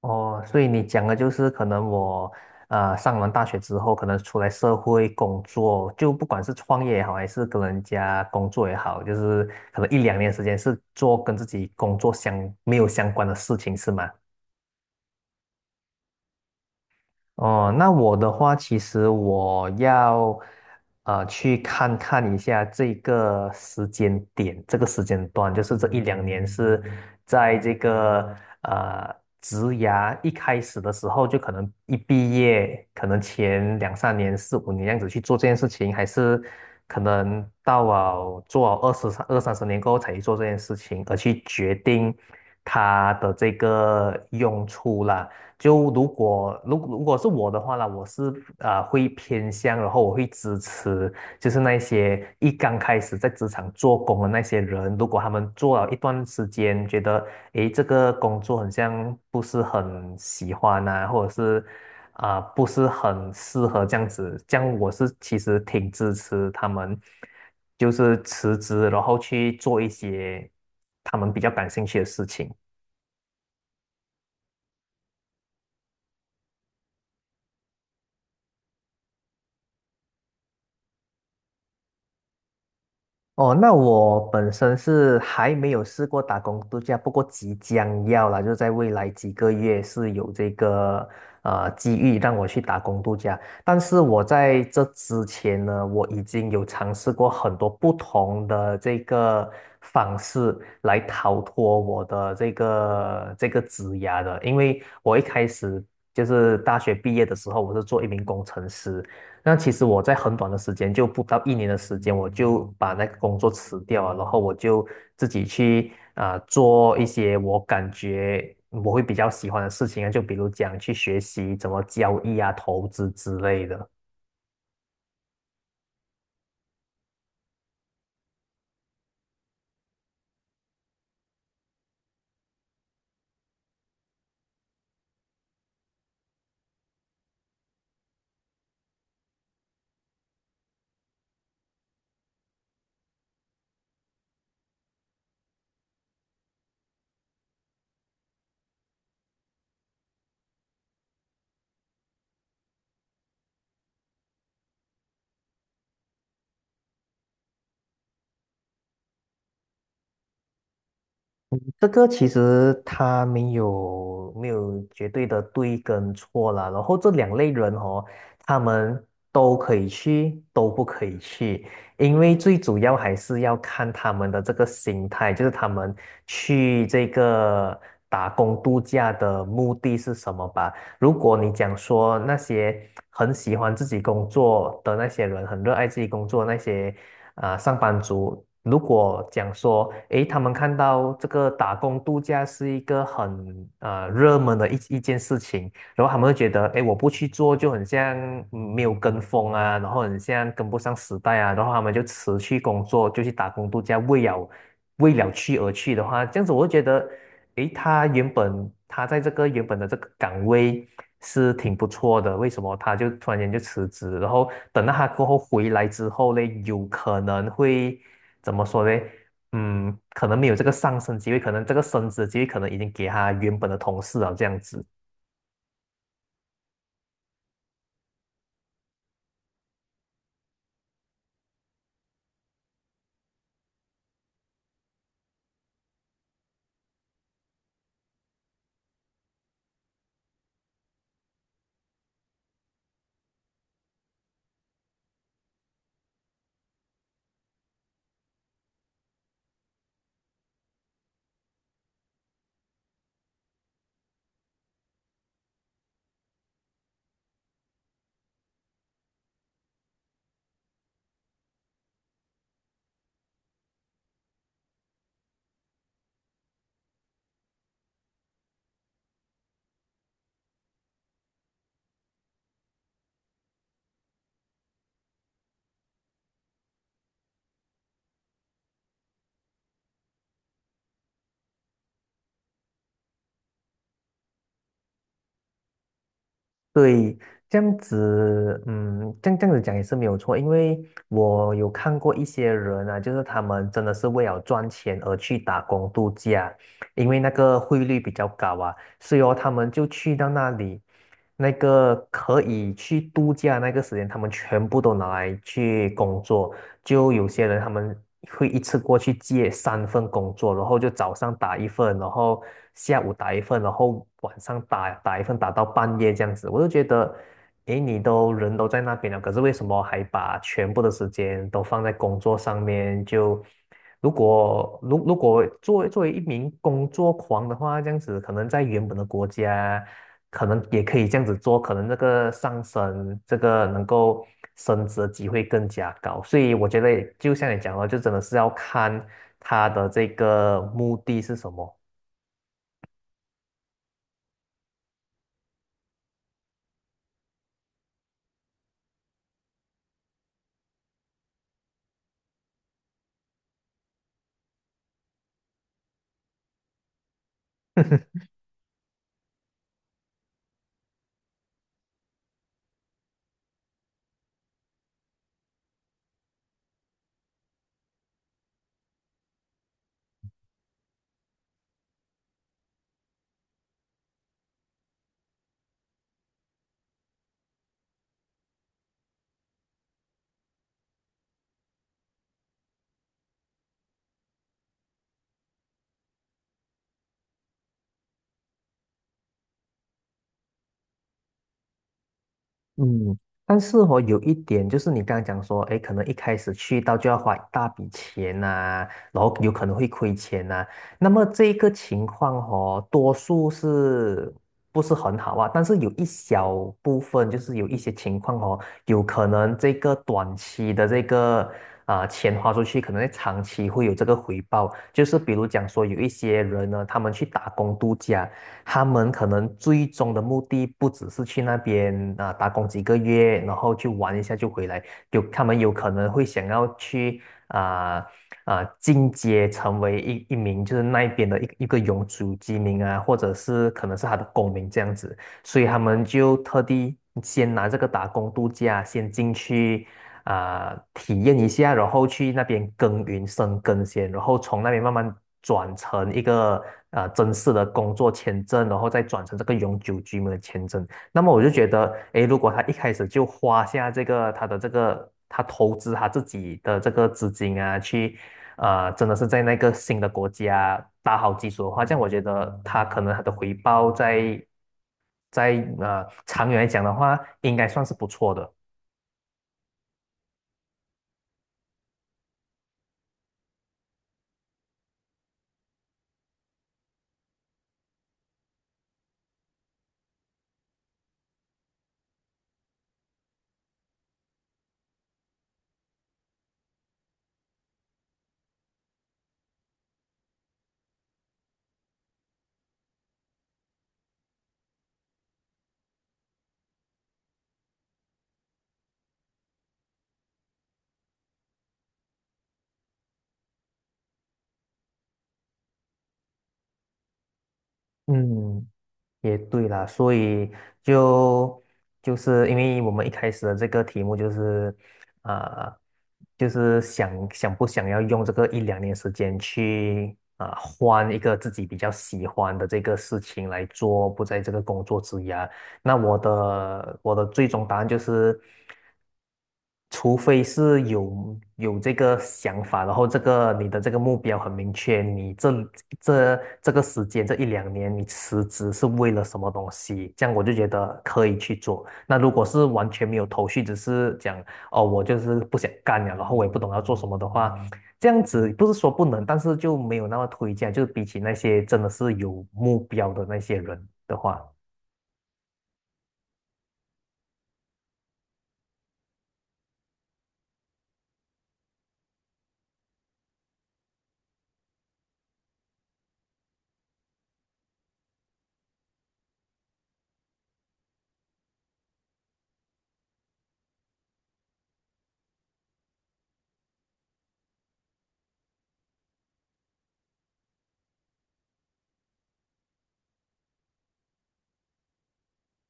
哦，所以你讲的就是可能我上完大学之后，可能出来社会工作，就不管是创业也好，还是跟人家工作也好，就是可能一两年时间是做跟自己工作相没有相关的事情，是吗？哦，那我的话，其实我要去看看一下这个时间点，这个时间段，就是这一两年是在这个呃职涯一开始的时候，就可能一毕业，可能前两三年、四五年这样子去做这件事情，还是可能到了做了二十三、二三十年过后才去做这件事情，而去决定它的这个用处啦。就如果是我的话啦，我是啊会偏向，然后我会支持，就是那些一刚开始在职场做工的那些人，如果他们做了一段时间，觉得诶这个工作很像不是很喜欢啊，或者是啊、不是很适合这样子，这样我是其实挺支持他们，就是辞职，然后去做一些他们比较感兴趣的事情。哦，那我本身是还没有试过打工度假，不过即将要啦，就是在未来几个月是有这个机遇让我去打工度假。但是我在这之前呢，我已经有尝试过很多不同的这个方式来逃脱我的这个职涯的，因为我一开始就是大学毕业的时候，我是做一名工程师，那其实我在很短的时间，就不到一年的时间，我就把那个工作辞掉了，然后我就自己去啊、做一些我感觉我会比较喜欢的事情啊，就比如讲去学习怎么交易啊、投资之类的。这个其实他没有绝对的对跟错啦，然后这两类人哦，他们都可以去，都不可以去，因为最主要还是要看他们的这个心态，就是他们去这个打工度假的目的是什么吧。如果你讲说那些很喜欢自己工作的那些人，很热爱自己工作那些。啊、上班族，如果讲说，诶，他们看到这个打工度假是一个很热门的一件事情，然后他们就觉得，哎，我不去做就很像嗯没有跟风啊，然后很像跟不上时代啊，然后他们就辞去工作，就去打工度假，为了去而去的话，这样子我就觉得，哎，他原本他在这个原本的这个岗位是挺不错的，为什么他就突然间就辞职？然后等到他过后回来之后嘞，有可能会怎么说嘞？嗯，可能没有这个上升机会，可能这个升职机会可能已经给他原本的同事了，这样子。对，这样子，嗯，这样子讲也是没有错，因为我有看过一些人啊，就是他们真的是为了赚钱而去打工度假，因为那个汇率比较高啊，所以哦他们就去到那里，那个可以去度假那个时间，他们全部都拿来去工作，就有些人他们会一次过去接三份工作，然后就早上打一份，然后下午打一份，然后晚上打一份，打到半夜这样子。我就觉得，诶，你都人都在那边了，可是为什么还把全部的时间都放在工作上面？就如果作为一名工作狂的话，这样子可能在原本的国家，可能也可以这样子做，可能那个上升，这个能够升职的机会更加高。所以我觉得，就像你讲的，就真的是要看他的这个目的是什么。嗯，但是哦，有一点就是你刚刚讲说，哎，可能一开始去到就要花一大笔钱呐、然后有可能会亏钱呐、那么这一个情况哦，多数是不是很好啊？但是有一小部分，就是有一些情况哦，有可能这个短期的这个啊、钱花出去，可能在长期会有这个回报。就是比如讲说，有一些人呢，他们去打工度假。他们可能最终的目的不只是去那边啊、打工几个月，然后去玩一下就回来，他们有可能会想要去啊啊、进阶成为一名就是那边的一个永久居民啊，或者是可能是他的公民这样子，所以他们就特地先拿这个打工度假先进去啊、体验一下，然后去那边耕耘生根先，然后从那边慢慢转成一个正式的工作签证，然后再转成这个永久居民的签证。那么我就觉得，诶，如果他一开始就花下这个他的这个他投资他自己的这个资金啊，去真的是在那个新的国家打好基础的话，这样我觉得他可能他的回报在在长远来讲的话，应该算是不错的。嗯。也对啦，所以就就是因为我们一开始的这个题目就是，呃，就是想不想要用这个一两年时间去啊、换一个自己比较喜欢的这个事情来做，不在这个工作之涯。那我的最终答案就是。除非是有这个想法，然后这个你的这个目标很明确，你这个时间这一两年你辞职是为了什么东西，这样我就觉得可以去做。那如果是完全没有头绪，只是讲哦我就是不想干了，然后我也不懂要做什么的话，这样子不是说不能，但是就没有那么推荐，就是比起那些真的是有目标的那些人的话。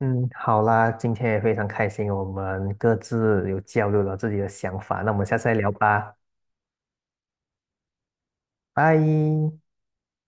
嗯，好啦，今天也非常开心，我们各自有交流了自己的想法，那我们下次再聊吧，拜。